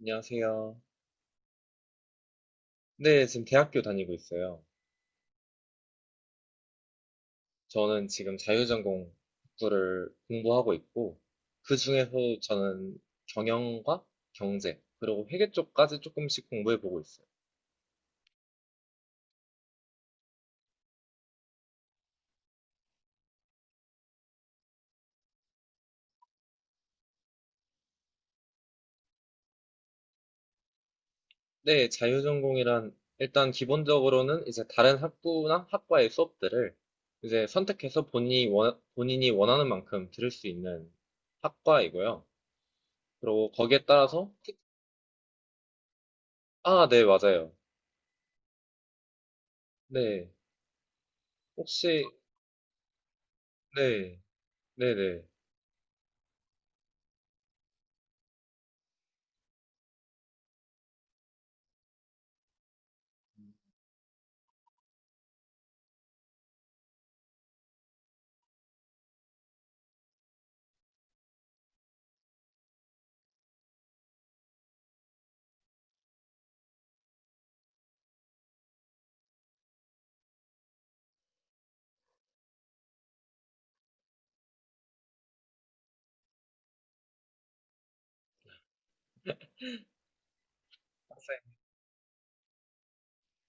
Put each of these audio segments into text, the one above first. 안녕하세요. 네, 지금 대학교 다니고 있어요. 저는 지금 자유전공 학부를 공부하고 있고, 그 중에서 저는 경영과 경제, 그리고 회계 쪽까지 조금씩 공부해보고 있어요. 네, 자유전공이란 일단 기본적으로는 이제 다른 학부나 학과의 수업들을 이제 선택해서 본인이 원하는 만큼 들을 수 있는 학과이고요. 그리고 거기에 따라서, 아, 네, 맞아요. 네. 혹시, 네, 네네.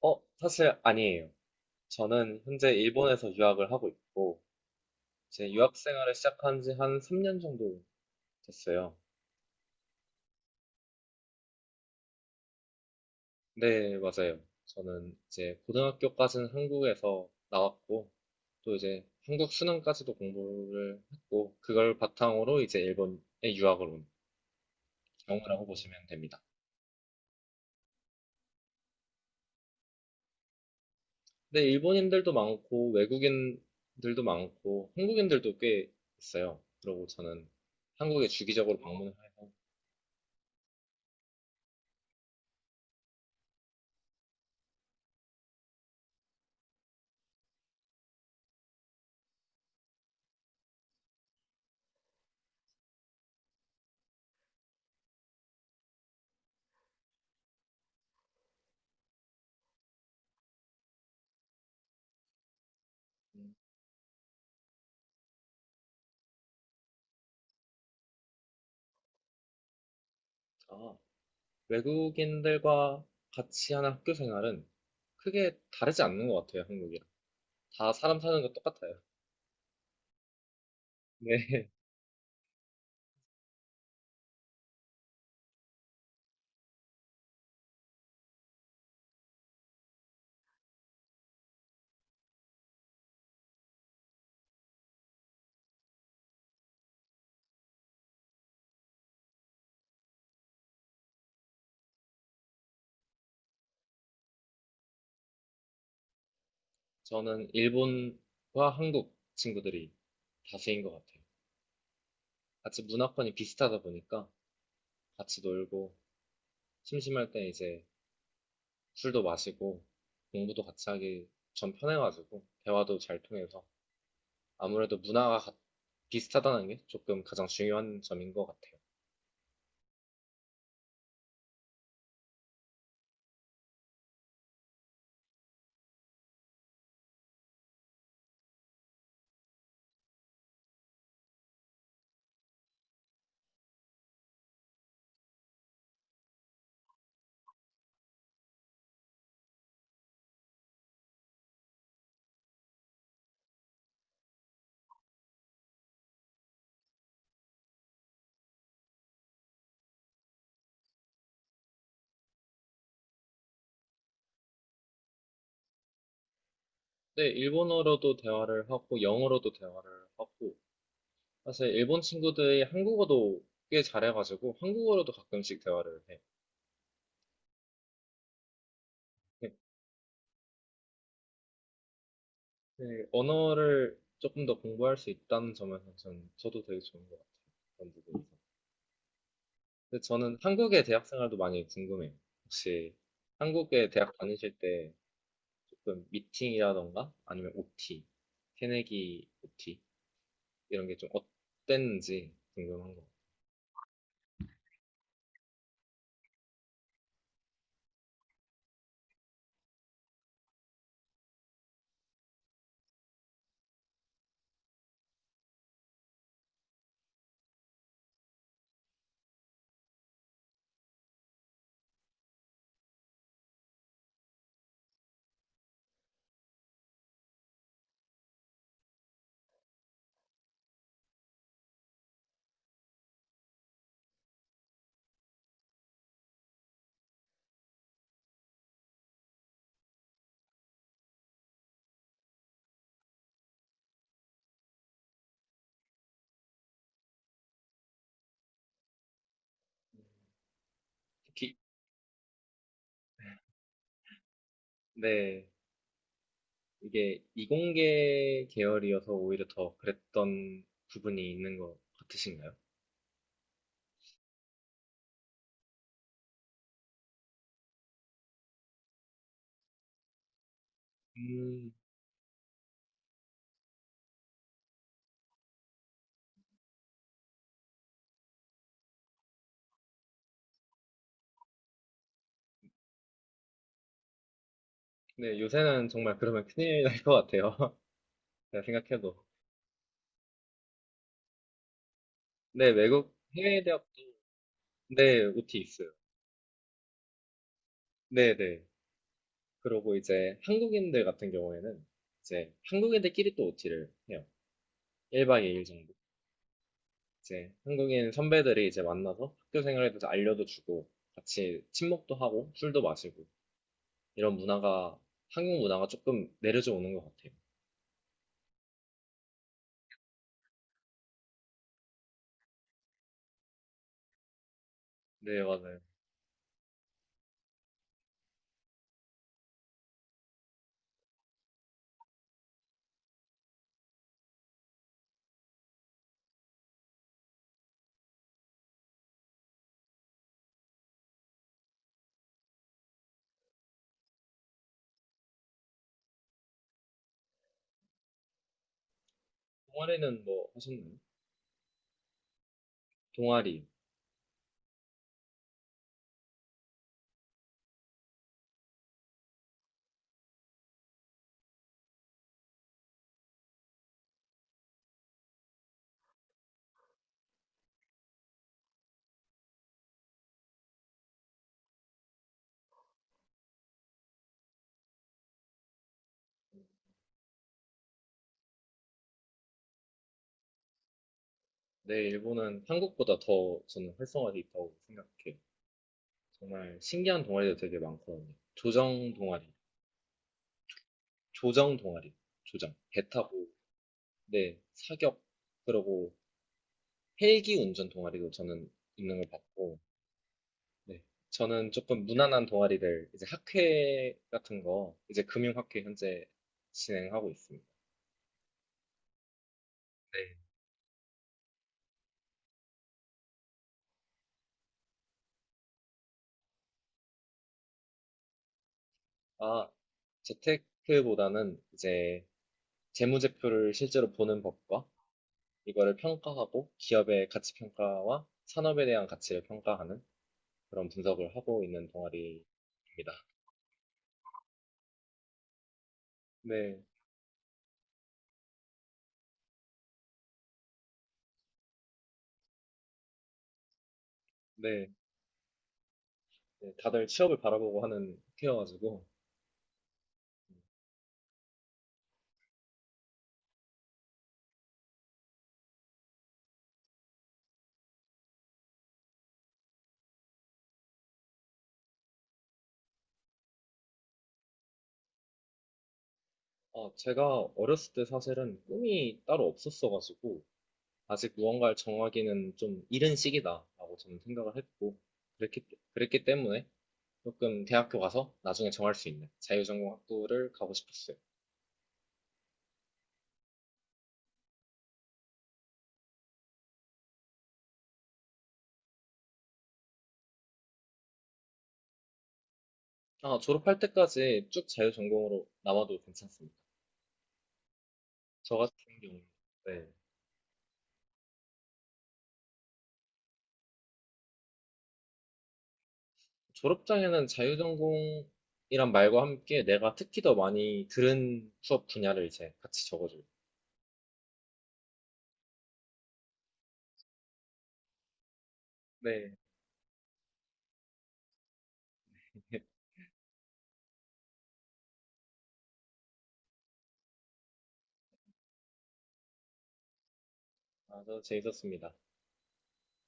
어, 사실 아니에요. 저는 현재 일본에서 유학을 하고 있고, 제 유학 생활을 시작한 지 한 3년 정도 됐어요. 네, 맞아요. 저는 이제 고등학교까지는 한국에서 나왔고, 또 이제 한국 수능까지도 공부를 했고, 그걸 바탕으로 이제 일본에 유학을 온 경우라고 보시면 됩니다. 근데 일본인들도 많고, 외국인들도 많고, 한국인들도 꽤 있어요. 그리고 저는 한국에 주기적으로 방문을 하니까 외국인들과 같이 하는 학교 생활은 크게 다르지 않는 것 같아요, 한국이랑. 다 사람 사는 거 똑같아요. 네. 저는 일본과 한국 친구들이 다수인 것 같아요. 같이 문화권이 비슷하다 보니까 같이 놀고, 심심할 때 이제 술도 마시고, 공부도 같이 하기 전 편해가지고, 대화도 잘 통해서. 아무래도 문화가 비슷하다는 게 조금 가장 중요한 점인 것 같아요. 네, 일본어로도 대화를 하고, 영어로도 대화를 하고, 사실 일본 친구들이 한국어도 꽤 잘해가지고 한국어로도 가끔씩 대화를 해. 네, 네, 언어를 조금 더 공부할 수 있다는 점에서 전 저도 되게 좋은 것 같아요. 그런 부분에서. 근데 저는 한국의 대학 생활도 많이 궁금해요. 혹시 한국의 대학 다니실 때 조금 미팅이라던가 아니면 OT, 새내기 OT 이런 게 좀 어땠는지 궁금한 것 같아요. 네. 이게 이공계 계열이어서 오히려 더 그랬던 부분이 있는 것 같으신가요? 음, 네, 요새는 정말 그러면 큰일 날 것 같아요. 제가 생각해도. 네, 외국 해외 대학, 네, OT 있어요. 네, 네. 그러고 이제 한국인들 같은 경우에는 이제 한국인들끼리 또 OT를 해요. 1박 2일 정도. 이제 한국인 선배들이 이제 만나서 학교 생활에 대해서 알려도 주고 같이 친목도 하고 술도 마시고 이런 문화가 한국 문화가 조금 내려져 오는 것 같아요. 네, 맞아요. 동아리는 뭐 하셨나요? 동아리. 네, 일본은 한국보다 더 저는 활성화돼 있다고 생각해요. 정말 신기한 동아리도 되게 많거든요. 조정 동아리, 조정 동아리, 조정, 배 타고, 네, 사격, 그러고 헬기 운전 동아리도 저는 있는 걸 봤고, 네, 저는 조금 무난한 동아리를 이제 학회 같은 거, 이제 금융학회 현재 진행하고 있습니다. 네. 아, 재테크보다는 이제 재무제표를 실제로 보는 법과 이거를 평가하고 기업의 가치 평가와 산업에 대한 가치를 평가하는 그런 분석을 하고 있는 동아리입니다. 네, 네, 네, 다들 취업을 바라보고 하는 학회여가지고 아, 제가 어렸을 때 사실은 꿈이 따로 없었어가지고 아직 무언가를 정하기는 좀 이른 시기다라고 저는 생각을 했고 그랬기, 그랬기 때문에 조금 대학교 가서 나중에 정할 수 있는 자유전공학부를 가고 싶었어요. 아, 졸업할 때까지 쭉 자유전공으로 남아도 괜찮습니다. 저 같은 경우에 네. 졸업장에는 자유전공이란 말과 함께 내가 특히 더 많이 들은 수업 분야를 이제 같이 적어줘요. 네. 아주 재밌었습니다.